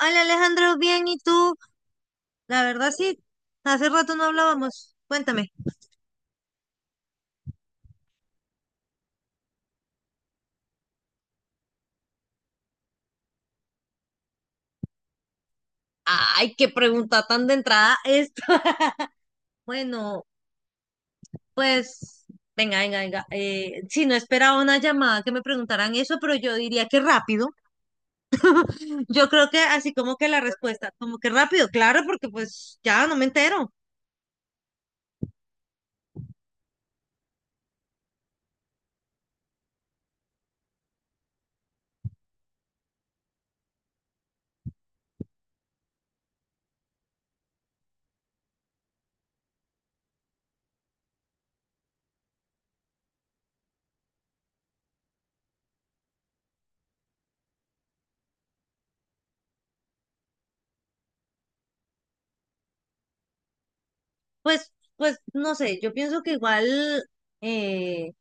Hola Alejandro, bien, ¿y tú? La verdad sí, hace rato no hablábamos. Cuéntame. Ay, qué pregunta tan de entrada esta. Bueno, pues, venga, venga, venga. Sí, no esperaba una llamada que me preguntaran eso, pero yo diría que rápido. Yo creo que así como que la respuesta, como que rápido, claro, porque pues ya no me entero. Pues, pues, no sé, yo pienso que igual, eh,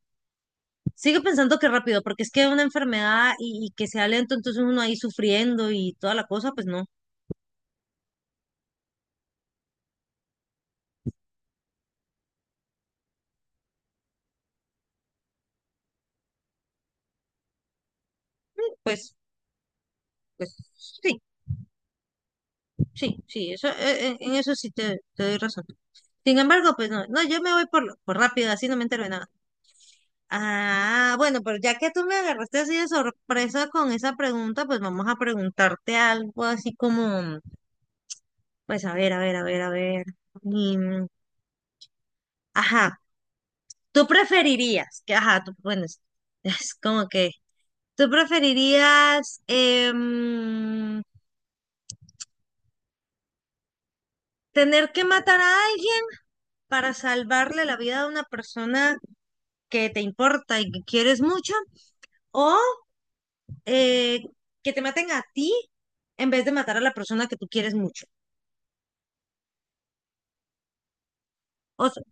sigue pensando que rápido, porque es que una enfermedad y que sea lento, entonces uno ahí sufriendo y toda la cosa, pues no, pues, pues sí, sí, sí, eso, en eso sí te doy razón. Sin embargo, pues no, no, yo me voy por rápido, así no me entero de nada. Ah, bueno, pero ya que tú me agarraste así de sorpresa con esa pregunta, pues vamos a preguntarte algo así como, pues a ver, a ver, a ver, a ver. Y, mm, ajá, ¿tú preferirías que, ajá, tú, bueno, es es como que... ¿Tú preferirías tener que matar a alguien para salvarle la vida a una persona que te importa y que quieres mucho? ¿O eh, que te maten a ti en vez de matar a la persona que tú quieres mucho? O sea,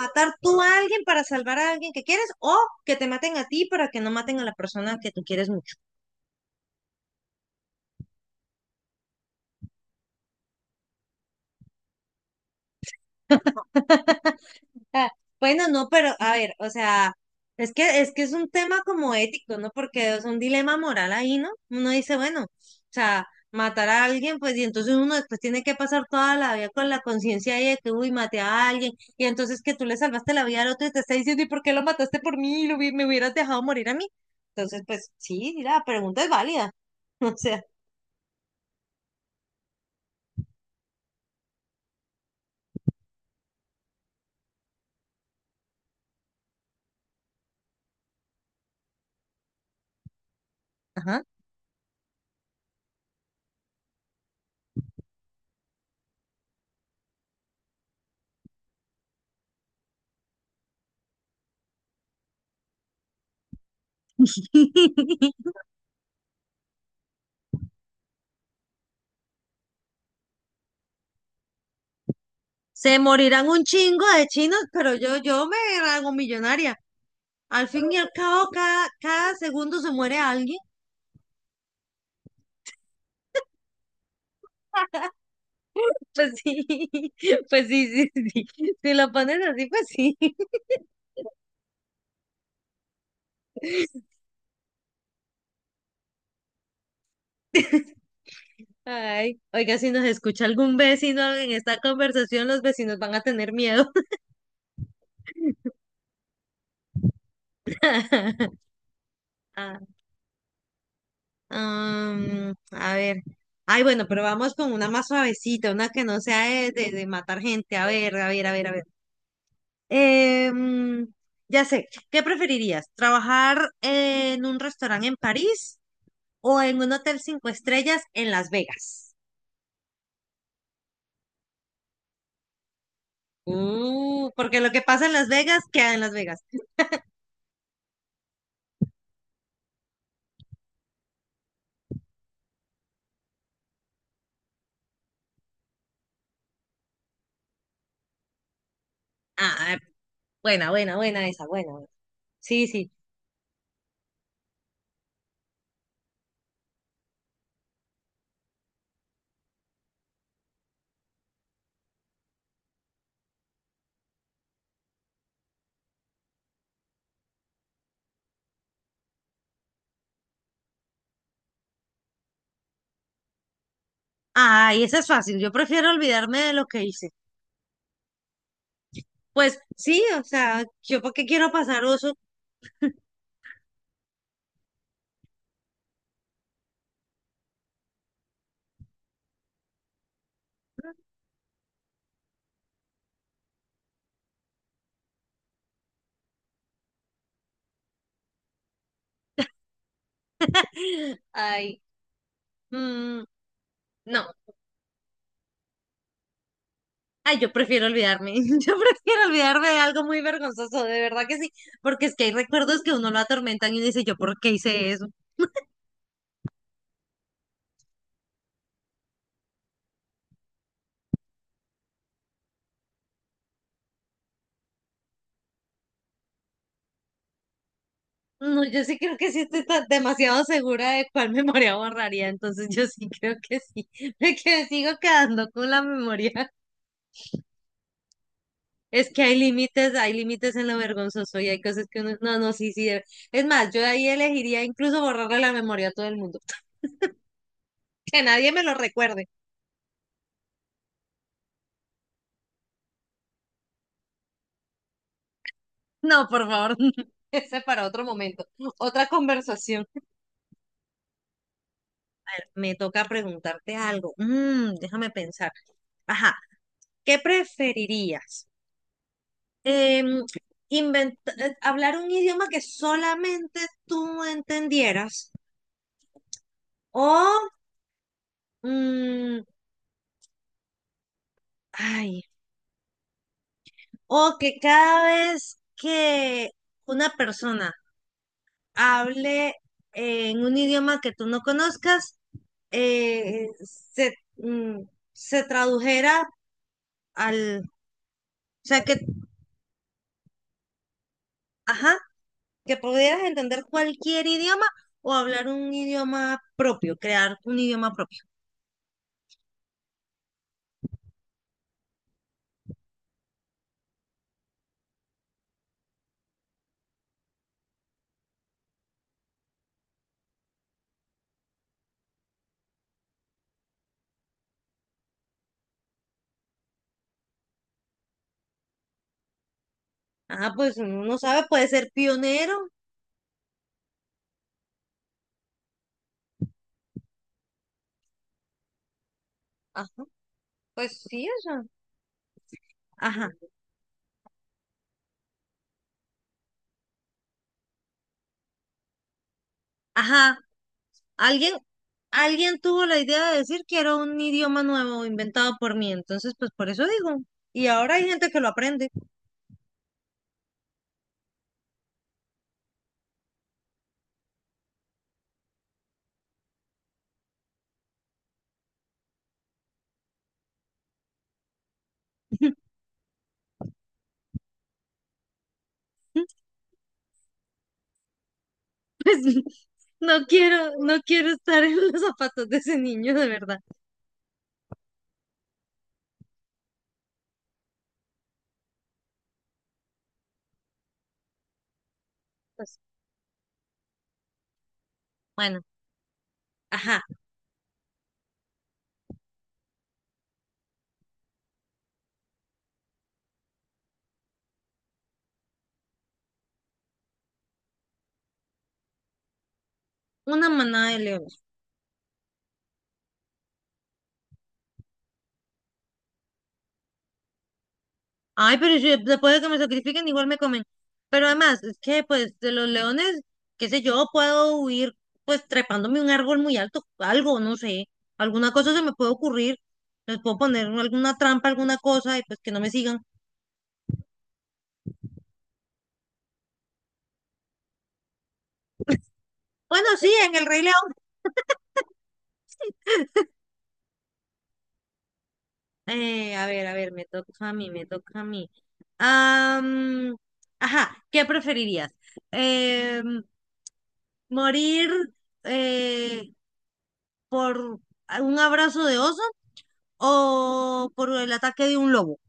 matar tú a alguien para salvar a alguien que quieres o que te maten a ti para que no maten a la persona que tú quieres mucho. Ah, bueno, no, pero a ver, o sea, es que es un tema como ético, ¿no? Porque es un dilema moral ahí, ¿no? Uno dice, bueno, o sea, matar a alguien, pues, y entonces uno después tiene que pasar toda la vida con la conciencia ahí de que, uy, maté a alguien, y entonces que tú le salvaste la vida al otro y te está diciendo, ¿y por qué lo mataste por mí? Me hubieras dejado morir a mí. Entonces, pues, sí, sí, la pregunta es válida. O sea, ajá. Se morirán un chingo de chinos, pero yo me hago millonaria. Al fin y al cabo, cada segundo se muere alguien. Pues sí, pues sí, sí, sí. Si lo pones así, pues sí. Ay, oiga, si nos escucha algún vecino en esta conversación, los vecinos van a tener miedo. Ah, a ver. Ay, bueno, pero vamos con una más suavecita, una que no sea de matar gente. A ver, a ver, a ver, a ver. Em, ya sé, ¿qué preferirías? ¿Trabajar en un restaurante en París o en un hotel 5 estrellas en Las Vegas? Porque lo que pasa en Las Vegas queda en Las Vegas. Ah, buena, buena, buena esa, buena, buena. Sí, sí. Ay, esa es fácil. Yo prefiero olvidarme de lo que hice. Pues sí, o sea, yo por qué quiero pasar oso. Ay, mm, no. Ay, yo prefiero olvidarme. Yo prefiero olvidarme de algo muy vergonzoso, de verdad que sí. Porque es que hay recuerdos que a uno lo atormentan y uno dice, ¿yo por qué hice eso? No, yo sí creo que sí demasiado segura de cuál memoria borraría, entonces yo sí creo que sí, de que sigo quedando con la memoria. Es que hay límites en lo vergonzoso y hay cosas que uno, no, no, sí, sí, de- Es más, yo ahí elegiría incluso borrarle la memoria a todo el mundo, que nadie me lo recuerde. No, por favor, ese para otro momento, otra conversación. A ver, me toca preguntarte algo. Mm, déjame pensar. Ajá, ¿qué preferirías? em, hablar un idioma que solamente tú entendieras o, mm, ay, o que cada vez que una persona hable en un idioma que tú no conozcas, eh, se, mm, se tradujera al, o sea, que, ajá, que pudieras entender cualquier idioma o hablar un idioma propio, crear un idioma propio. Ajá, pues uno no sabe, puede ser pionero. Ajá, pues sí, o ajá, ajá. Alguien, alguien tuvo la idea de decir que era un idioma nuevo inventado por mí, entonces pues por eso digo. Y ahora hay gente que lo aprende. Pues no quiero, no quiero estar en los zapatos de ese niño, de verdad. Pues bueno, ajá. Una manada de leones. Ay, pero si después de que me sacrifiquen, igual me comen. Pero además, es que pues de los leones, qué sé yo, puedo huir pues trepándome un árbol muy alto, algo, no sé, alguna cosa se me puede ocurrir. Les puedo poner alguna trampa, alguna cosa y pues que no me sigan. Bueno, sí, en el Rey León. A ver, me toca a mí, me toca a mí. Am, ajá, ¿qué preferirías? Em, ¿Morir eh, por un abrazo de oso o por el ataque de un lobo?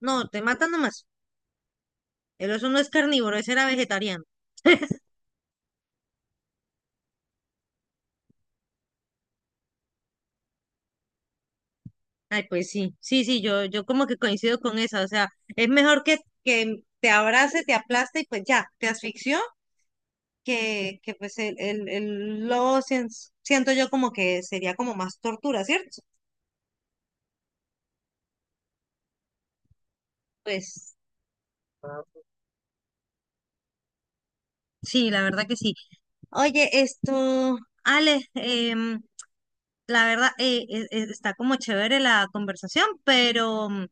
No, te matan nomás. El oso no es carnívoro, ese era vegetariano. Ay, pues sí, sí, sí, yo como que coincido con esa. O sea, es mejor que te abrace, te aplaste y pues ya, te asfixió, que pues el lobo siento yo como que sería como más tortura, ¿cierto? Pues sí, la verdad que sí. Oye, esto, Ale, la verdad, está como chévere la conversación, pero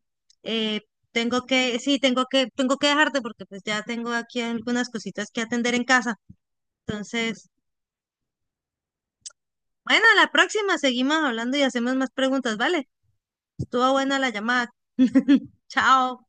eh, tengo que, sí, tengo que dejarte porque pues ya tengo aquí algunas cositas que atender en casa. Entonces, bueno, a la próxima seguimos hablando y hacemos más preguntas, ¿vale? Estuvo buena la llamada. Chao.